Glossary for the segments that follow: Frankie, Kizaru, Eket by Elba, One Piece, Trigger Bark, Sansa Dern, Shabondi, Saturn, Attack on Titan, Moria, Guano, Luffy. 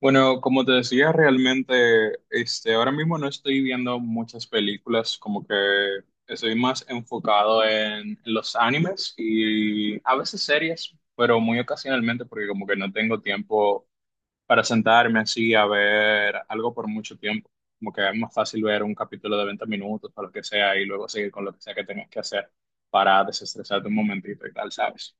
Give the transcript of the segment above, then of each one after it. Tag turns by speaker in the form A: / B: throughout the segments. A: Bueno, como te decía, realmente, ahora mismo no estoy viendo muchas películas, como que estoy más enfocado en los animes y a veces series, pero muy ocasionalmente porque como que no tengo tiempo para sentarme así a ver algo por mucho tiempo. Como que es más fácil ver un capítulo de 20 minutos o lo que sea y luego seguir con lo que sea que tengas que hacer para desestresarte un momentito y tal, ¿sabes?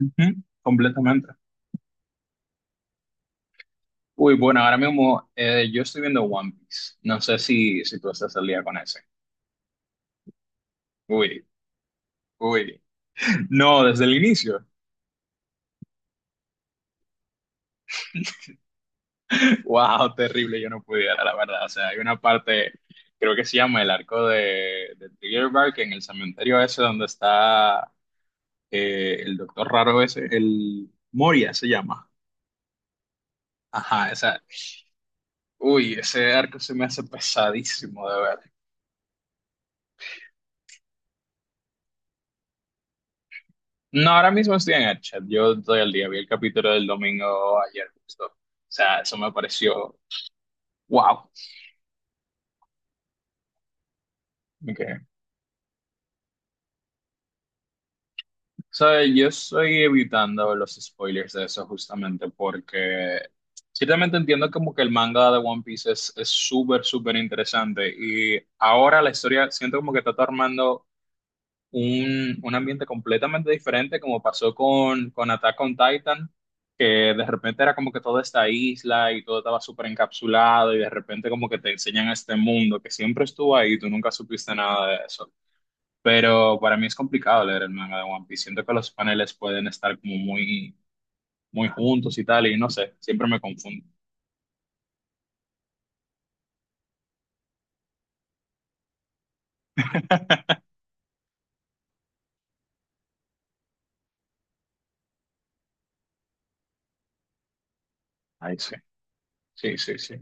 A: Ujú, completamente. Uy, bueno, ahora mismo yo estoy viendo One Piece. No sé si tú estás al día con ese. Uy, uy. No, desde el inicio. Wow, terrible, yo no pudiera, la verdad. O sea, hay una parte, creo que se llama el arco de Trigger Bark, en el cementerio ese donde está el doctor raro ese, el Moria se llama. Ajá, esa. Uy, ese arco se me hace pesadísimo de ver. No, ahora mismo estoy en el chat. Yo todo el día vi el capítulo del domingo ayer justo. O sea, eso me pareció wow. Okay. So, yo estoy evitando los spoilers de eso justamente porque ciertamente entiendo como que el manga de One Piece es súper, súper interesante, y ahora la historia siento como que está tomando un ambiente completamente diferente, como pasó con Attack on Titan, que de repente era como que toda esta isla y todo estaba súper encapsulado y de repente como que te enseñan este mundo que siempre estuvo ahí y tú nunca supiste nada de eso. Pero para mí es complicado leer el manga de One Piece. Siento que los paneles pueden estar como muy, muy juntos y tal, y no sé, siempre me confundo. Ahí sí, sí, sí, sí.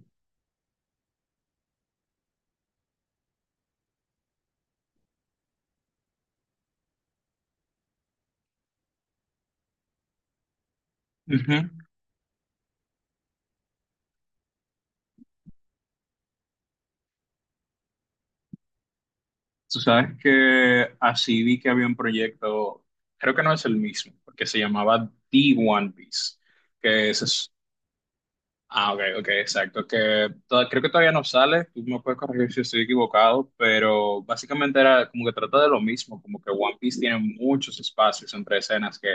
A: Ujú. Tú sabes que así vi que había un proyecto, creo que no es el mismo, porque se llamaba The One Piece, que ese es, ah, ok, ok, exacto, que to- creo que todavía no sale, tú me puedes corregir si estoy equivocado, pero básicamente era como que trata de lo mismo, como que One Piece tiene muchos espacios entre escenas que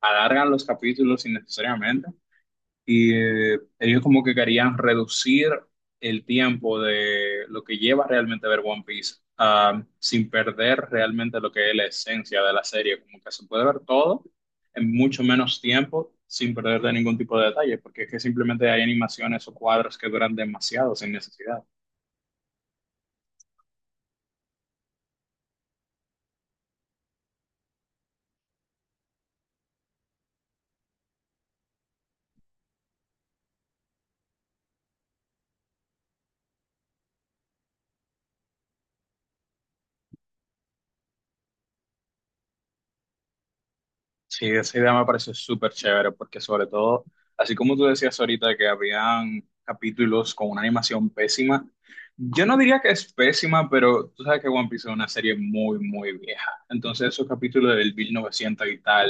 A: alargan los capítulos innecesariamente, y ellos como que querían reducir el tiempo de lo que lleva realmente ver One Piece, ah, sin perder realmente lo que es la esencia de la serie, como que se puede ver todo en mucho menos tiempo sin perder de ningún tipo de detalle, porque es que simplemente hay animaciones o cuadros que duran demasiado sin necesidad. Sí, esa idea me parece súper chévere porque, sobre todo, así como tú decías ahorita que habían capítulos con una animación pésima, yo no diría que es pésima, pero tú sabes que One Piece es una serie muy, muy vieja. Entonces esos capítulos del 1900 y tal,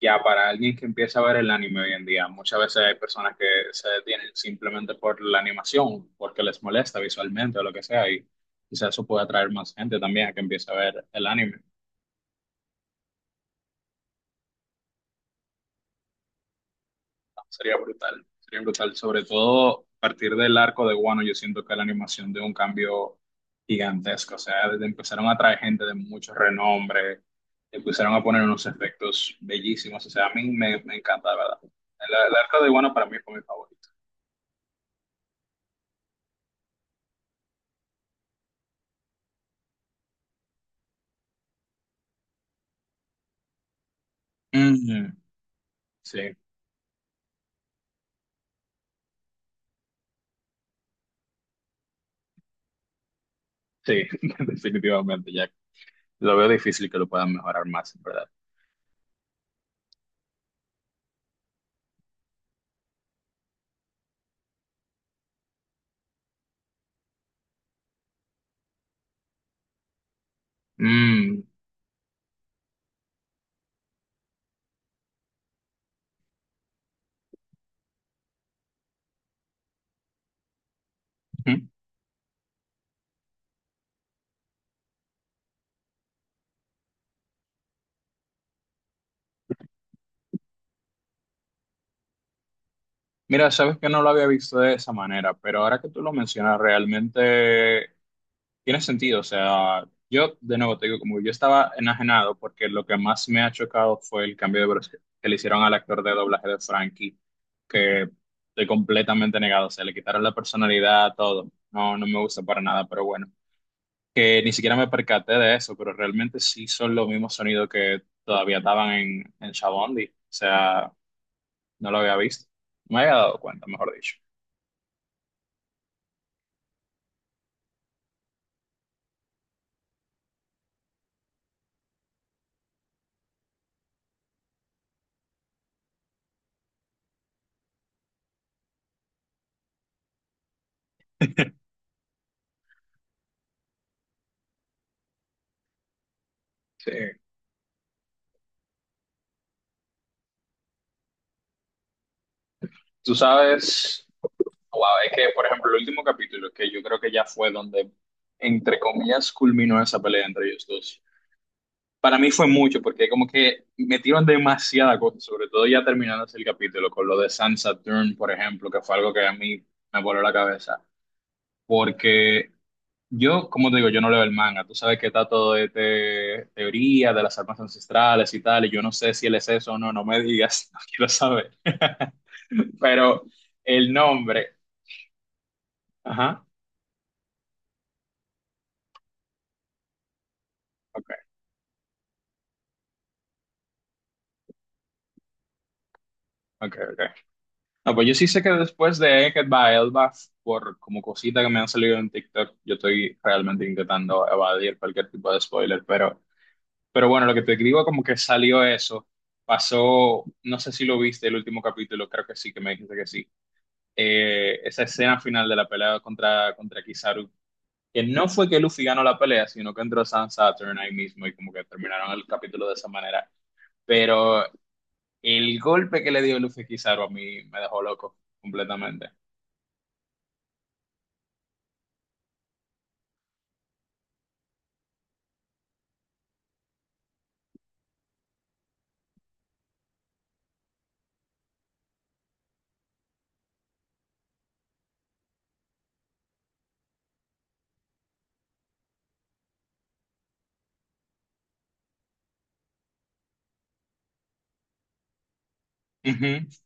A: ya para alguien que empieza a ver el anime hoy en día, muchas veces hay personas que se detienen simplemente por la animación, porque les molesta visualmente o lo que sea, y quizás eso puede atraer más gente también a que empiece a ver el anime. Sería brutal, sería brutal. Sobre todo a partir del arco de Guano, yo siento que la animación dio un cambio gigantesco. O sea, desde empezaron a traer gente de mucho renombre, empezaron a poner unos efectos bellísimos. O sea, a mí me encanta, de verdad. El arco de Guano para mí fue mi favorito. Ujú. Sí, sí, definitivamente, Jack. Lo veo difícil que lo puedan mejorar más, en verdad. Mm. Ujú. Mira, sabes que no lo había visto de esa manera, pero ahora que tú lo mencionas, realmente tiene sentido. O sea, yo de nuevo te digo, como que yo estaba enajenado porque lo que más me ha chocado fue el cambio de voz que le hicieron al actor de doblaje de Frankie, que estoy completamente negado. O sea, le quitaron la personalidad, todo. No, no me gusta para nada, pero bueno, que ni siquiera me percaté de eso, pero realmente sí son los mismos sonidos que todavía estaban en Shabondi. O sea, no lo había visto, no me había dado cuenta, mejor dicho. Sí. Tú sabes. Wow, es que, por ejemplo, el último capítulo, que yo creo que ya fue donde, entre comillas, culminó esa pelea entre ellos dos. Para mí fue mucho, porque como que metieron demasiada cosa, sobre todo ya terminándose el capítulo, con lo de Sansa Dern, por ejemplo, que fue algo que a mí me voló la cabeza. Porque yo, como te digo, yo no leo el manga. Tú sabes que está todo de teoría de las armas ancestrales y tal, y yo no sé si él es eso o no, no me digas, no quiero saber. Pero el nombre, ajá. Ok. Ok, ok. No, pues yo sí sé que después de Eket by Elba, por como cosita que me han salido en TikTok, yo estoy realmente intentando evadir cualquier tipo de spoiler, pero bueno, lo que te digo, como que salió eso, pasó, no sé si lo viste el último capítulo, creo que sí, que me dijiste que sí. Esa escena final de la pelea contra Kizaru, que no fue que Luffy ganó la pelea, sino que entró Sans Saturn ahí mismo y como que terminaron el capítulo de esa manera. Pero el golpe que le dio Luffy a Kizaru a mí me dejó loco completamente. Ujú,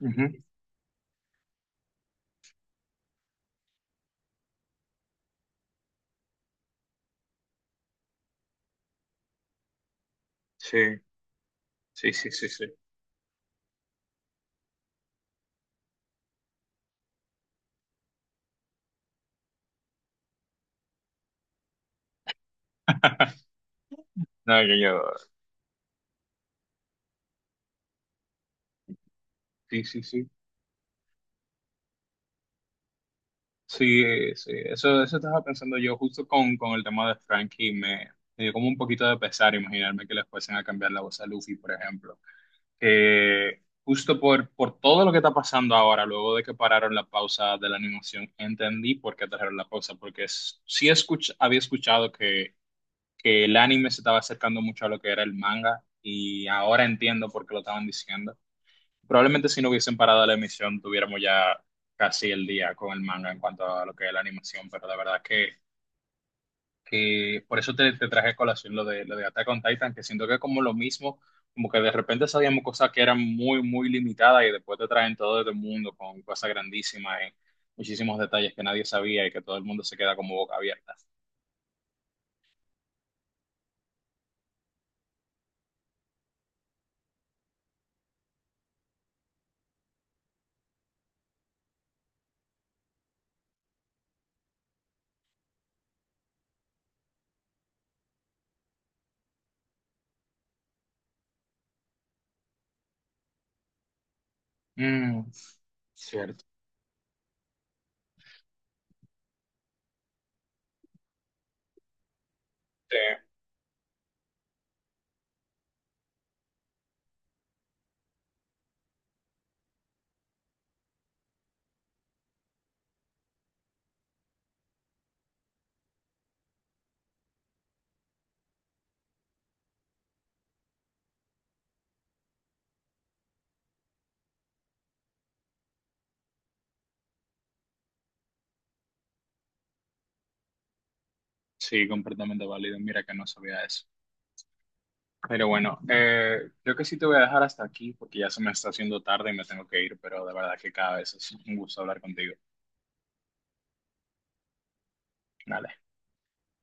A: ujú. Sí, sí, sí, sí, sí. No, sí, sí, sí. Sí, sí. Eso estaba pensando yo, justo con el tema de Frankie. Me dio como un poquito de pesar imaginarme que les fuesen a cambiar la voz a Luffy, por ejemplo. Justo por todo lo que está pasando ahora, luego de que pararon la pausa de la animación, entendí por qué trajeron la pausa, porque sí había escuchado que el anime se estaba acercando mucho a lo que era el manga y ahora entiendo por qué lo estaban diciendo. Probablemente si no hubiesen parado la emisión tuviéramos ya casi el día con el manga en cuanto a lo que es la animación, pero la verdad que por eso te traje a colación lo lo de Attack on Titan, que siento que es como lo mismo, como que de repente sabíamos cosas que eran muy, muy limitadas y después te traen todo el mundo con cosas grandísimas y muchísimos detalles que nadie sabía y que todo el mundo se queda como boca abierta. Mm, cierto. Sí. Sí, completamente válido. Mira que no sabía eso. Pero bueno, creo que sí te voy a dejar hasta aquí porque ya se me está haciendo tarde y me tengo que ir, pero de verdad que cada vez es un gusto hablar contigo. Dale.